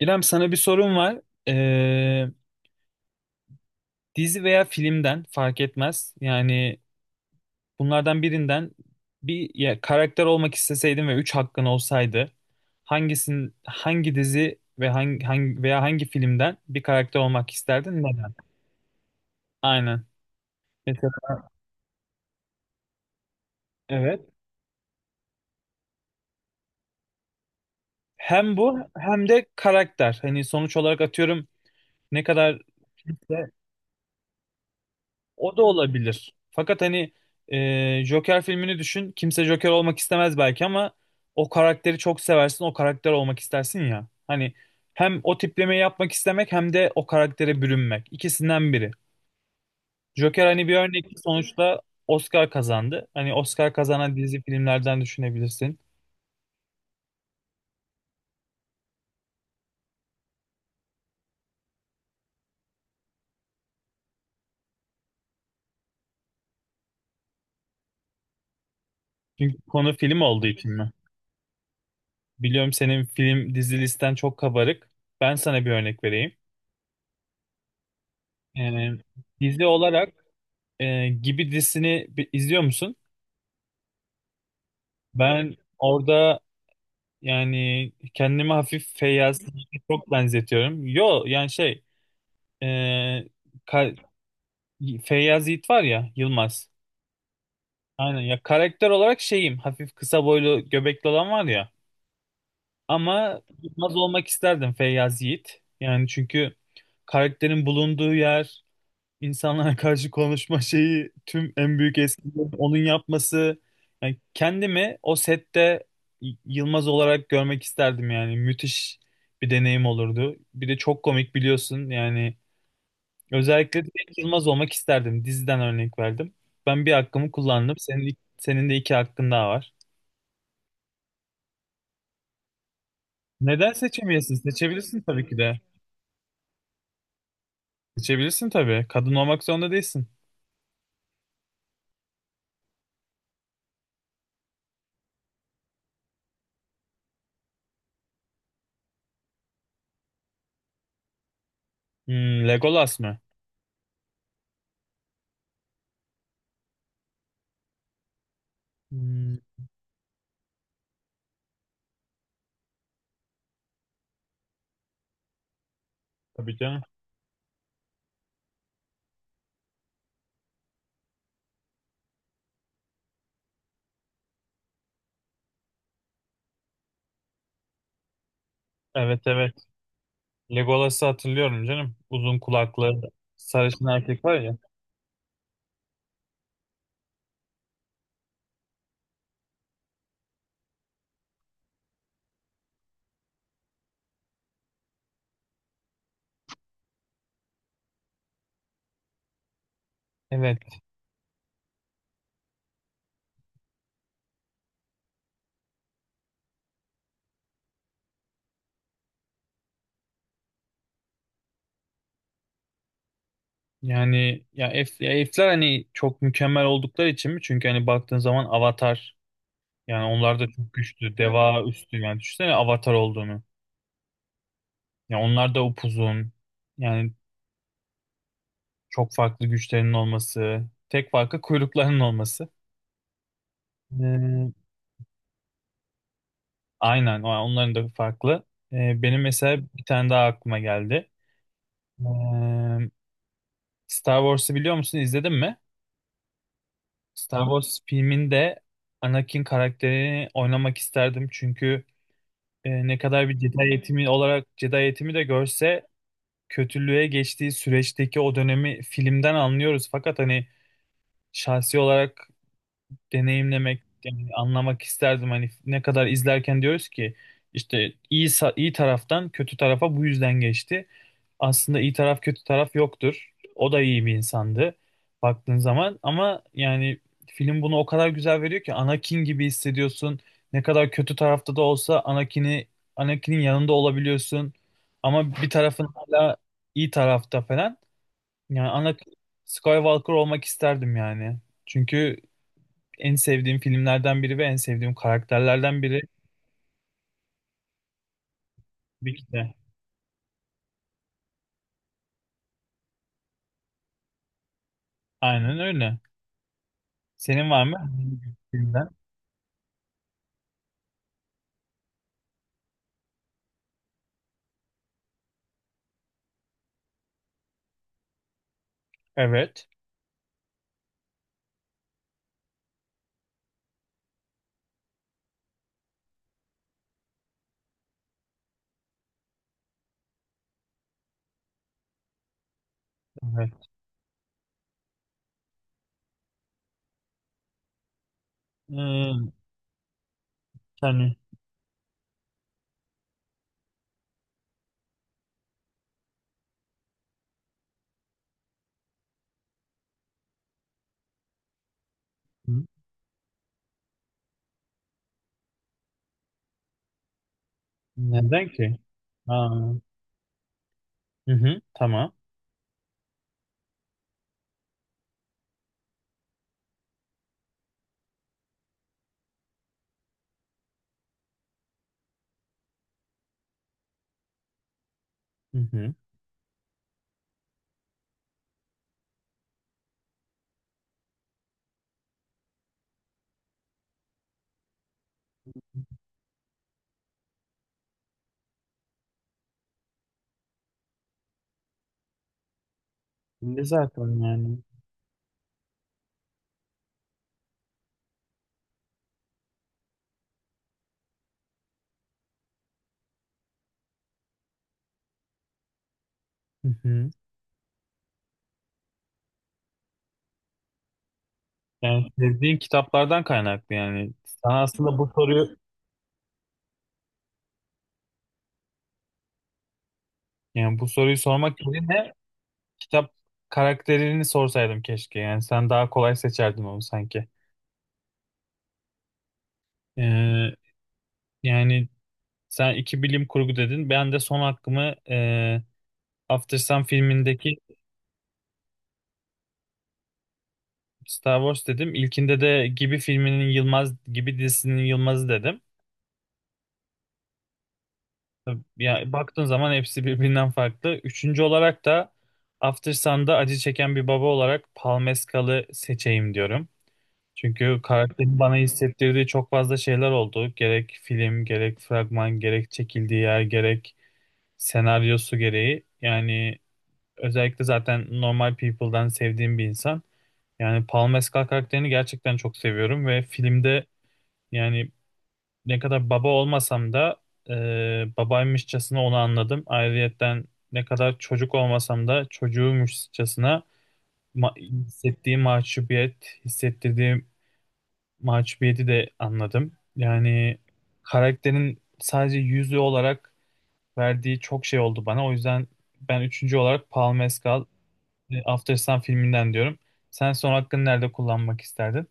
İrem, sana bir sorum var. Ee, Dizi veya filmden fark etmez. Yani bunlardan birinden bir karakter olmak isteseydin ve 3 hakkın olsaydı hangi dizi ve hangi filmden bir karakter olmak isterdin? Neden? Aynen. Mesela evet. Hem bu hem de karakter. Hani sonuç olarak atıyorum ne kadar O da olabilir. Fakat hani Joker filmini düşün. Kimse Joker olmak istemez belki ama o karakteri çok seversin, o karakter olmak istersin ya. Hani hem o tiplemeyi yapmak istemek hem de o karaktere bürünmek. İkisinden biri. Joker hani bir örnek sonuçta Oscar kazandı. Hani Oscar kazanan dizi filmlerden düşünebilirsin. Çünkü konu film olduğu için mi? Biliyorum, senin film dizi listen çok kabarık. Ben sana bir örnek vereyim. E, Dizi olarak Gibi dizisini izliyor musun? Ben orada yani kendimi hafif Feyyaz'la çok benzetiyorum. Yo, yani şey e, ka- Feyyaz Yiğit var ya, Yılmaz. Aynen ya, karakter olarak şeyim, hafif kısa boylu göbekli olan var ya. Ama Yılmaz olmak isterdim, Feyyaz Yiğit. Yani çünkü karakterin bulunduğu yer, insanlara karşı konuşma şeyi, tüm en büyük eskilerin onun yapması. Yani kendimi o sette Yılmaz olarak görmek isterdim yani. Müthiş bir deneyim olurdu. Bir de çok komik, biliyorsun yani. Özellikle de Yılmaz olmak isterdim. Diziden örnek verdim. Ben bir hakkımı kullandım. Senin de iki hakkın daha var. Neden seçemiyorsun? Seçebilirsin tabii ki de. Seçebilirsin tabii. Kadın olmak zorunda değilsin. Hmm, Legolas mı? Hmm, tabii canım. Evet, evet. Legolas'ı hatırlıyorum canım. Uzun kulaklı sarışın erkek var ya. Evet. Yani ya F'ler hani çok mükemmel oldukları için mi? Çünkü hani baktığın zaman Avatar, yani onlar da çok güçlü. Deva üstü, yani düşünsene Avatar olduğunu. Ya onlar da upuzun. Yani çok farklı güçlerinin olması. Tek farkı kuyruklarının olması. Ee, aynen. Onların da farklı. Benim mesela bir tane daha aklıma geldi. Ee, Star Wars'ı biliyor musun? İzledin mi? Star Wars filminde Anakin karakterini oynamak isterdim. Çünkü ne kadar bir Jedi eğitimi olarak Jedi eğitimi de görse kötülüğe geçtiği süreçteki o dönemi filmden anlıyoruz. Fakat hani şahsi olarak deneyimlemek, yani anlamak isterdim. Hani ne kadar izlerken diyoruz ki işte iyi taraftan kötü tarafa bu yüzden geçti. Aslında iyi taraf kötü taraf yoktur. O da iyi bir insandı baktığın zaman, ama yani film bunu o kadar güzel veriyor ki Anakin gibi hissediyorsun. Ne kadar kötü tarafta da olsa Anakin'in yanında olabiliyorsun. Ama bir tarafın hala iyi tarafta falan. Yani Anakin Skywalker olmak isterdim yani. Çünkü en sevdiğim filmlerden biri ve en sevdiğim karakterlerden biri. Tabii ki de. Aynen öyle. Senin var mı? Hangi bir filmden. Evet. Evet. Hmm, yani, hı. Neden ki? Aa, hı hı, tamam. Hı hı. Ne zaten yani. Hı hı. Yani sevdiğin kitaplardan kaynaklı yani. Sana aslında bu soruyu yani bu soruyu sormak yerine kitap karakterini sorsaydım keşke. Yani sen daha kolay seçerdin onu sanki. Ee, Yani sen iki bilim kurgu dedin. Ben de son hakkımı After Sun filmindeki Star Wars dedim. İlkinde de Gibi filminin Yılmaz, Gibi dizisinin Yılmaz'ı dedim. Ya baktığın zaman hepsi birbirinden farklı. Üçüncü olarak da After Sun'da acı çeken bir baba olarak Paul Mescal'ı seçeyim diyorum. Çünkü karakterin bana hissettirdiği çok fazla şeyler oldu. Gerek film, gerek fragman, gerek çekildiği yer, gerek senaryosu gereği. Yani özellikle zaten Normal People'dan sevdiğim bir insan. Yani Paul Mescal karakterini gerçekten çok seviyorum ve filmde yani ne kadar baba olmasam da e, babaymışçasına onu anladım. Ayrıyetten ne kadar çocuk olmasam da çocuğuymuşçasına ma- hissettiği mahcubiyet, hissettirdiği mahcubiyeti de anladım. Yani karakterin sadece yüzü olarak verdiği çok şey oldu bana. O yüzden ben üçüncü olarak Paul Mescal, After Sun filminden diyorum. Sen son hakkını nerede kullanmak isterdin?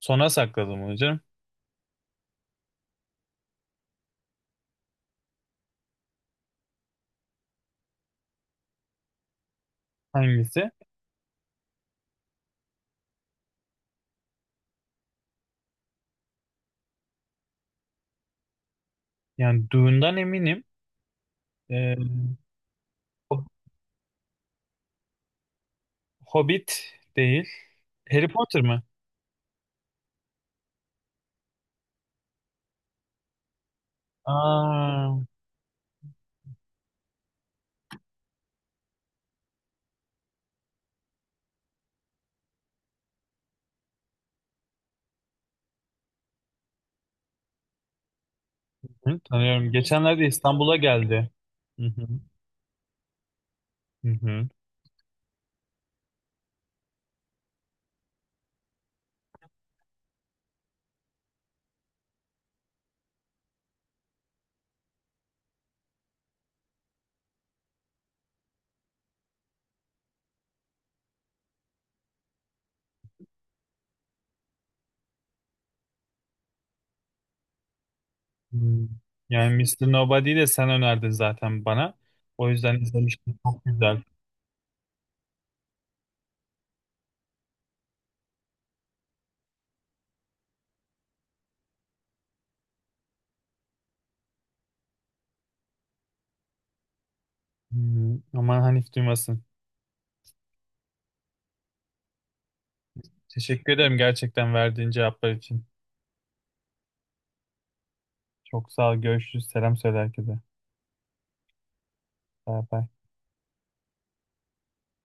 Sona sakladım onu canım. Hangisi? Yani Dune'dan eminim. E, Ho- Hobbit değil. Harry Potter mı? Aa, hı, tanıyorum. Geçenlerde İstanbul'a geldi. Hı hı, hı hı. Hmm. Yani Mr. Nobody'yi de sen önerdin zaten bana. O yüzden izlemiştim. Çok güzel. Hmm, aman Hanif duymasın. Teşekkür ederim gerçekten verdiğin cevaplar için. Çok sağ ol. Görüşürüz. Selam söyle herkese. Bay bay.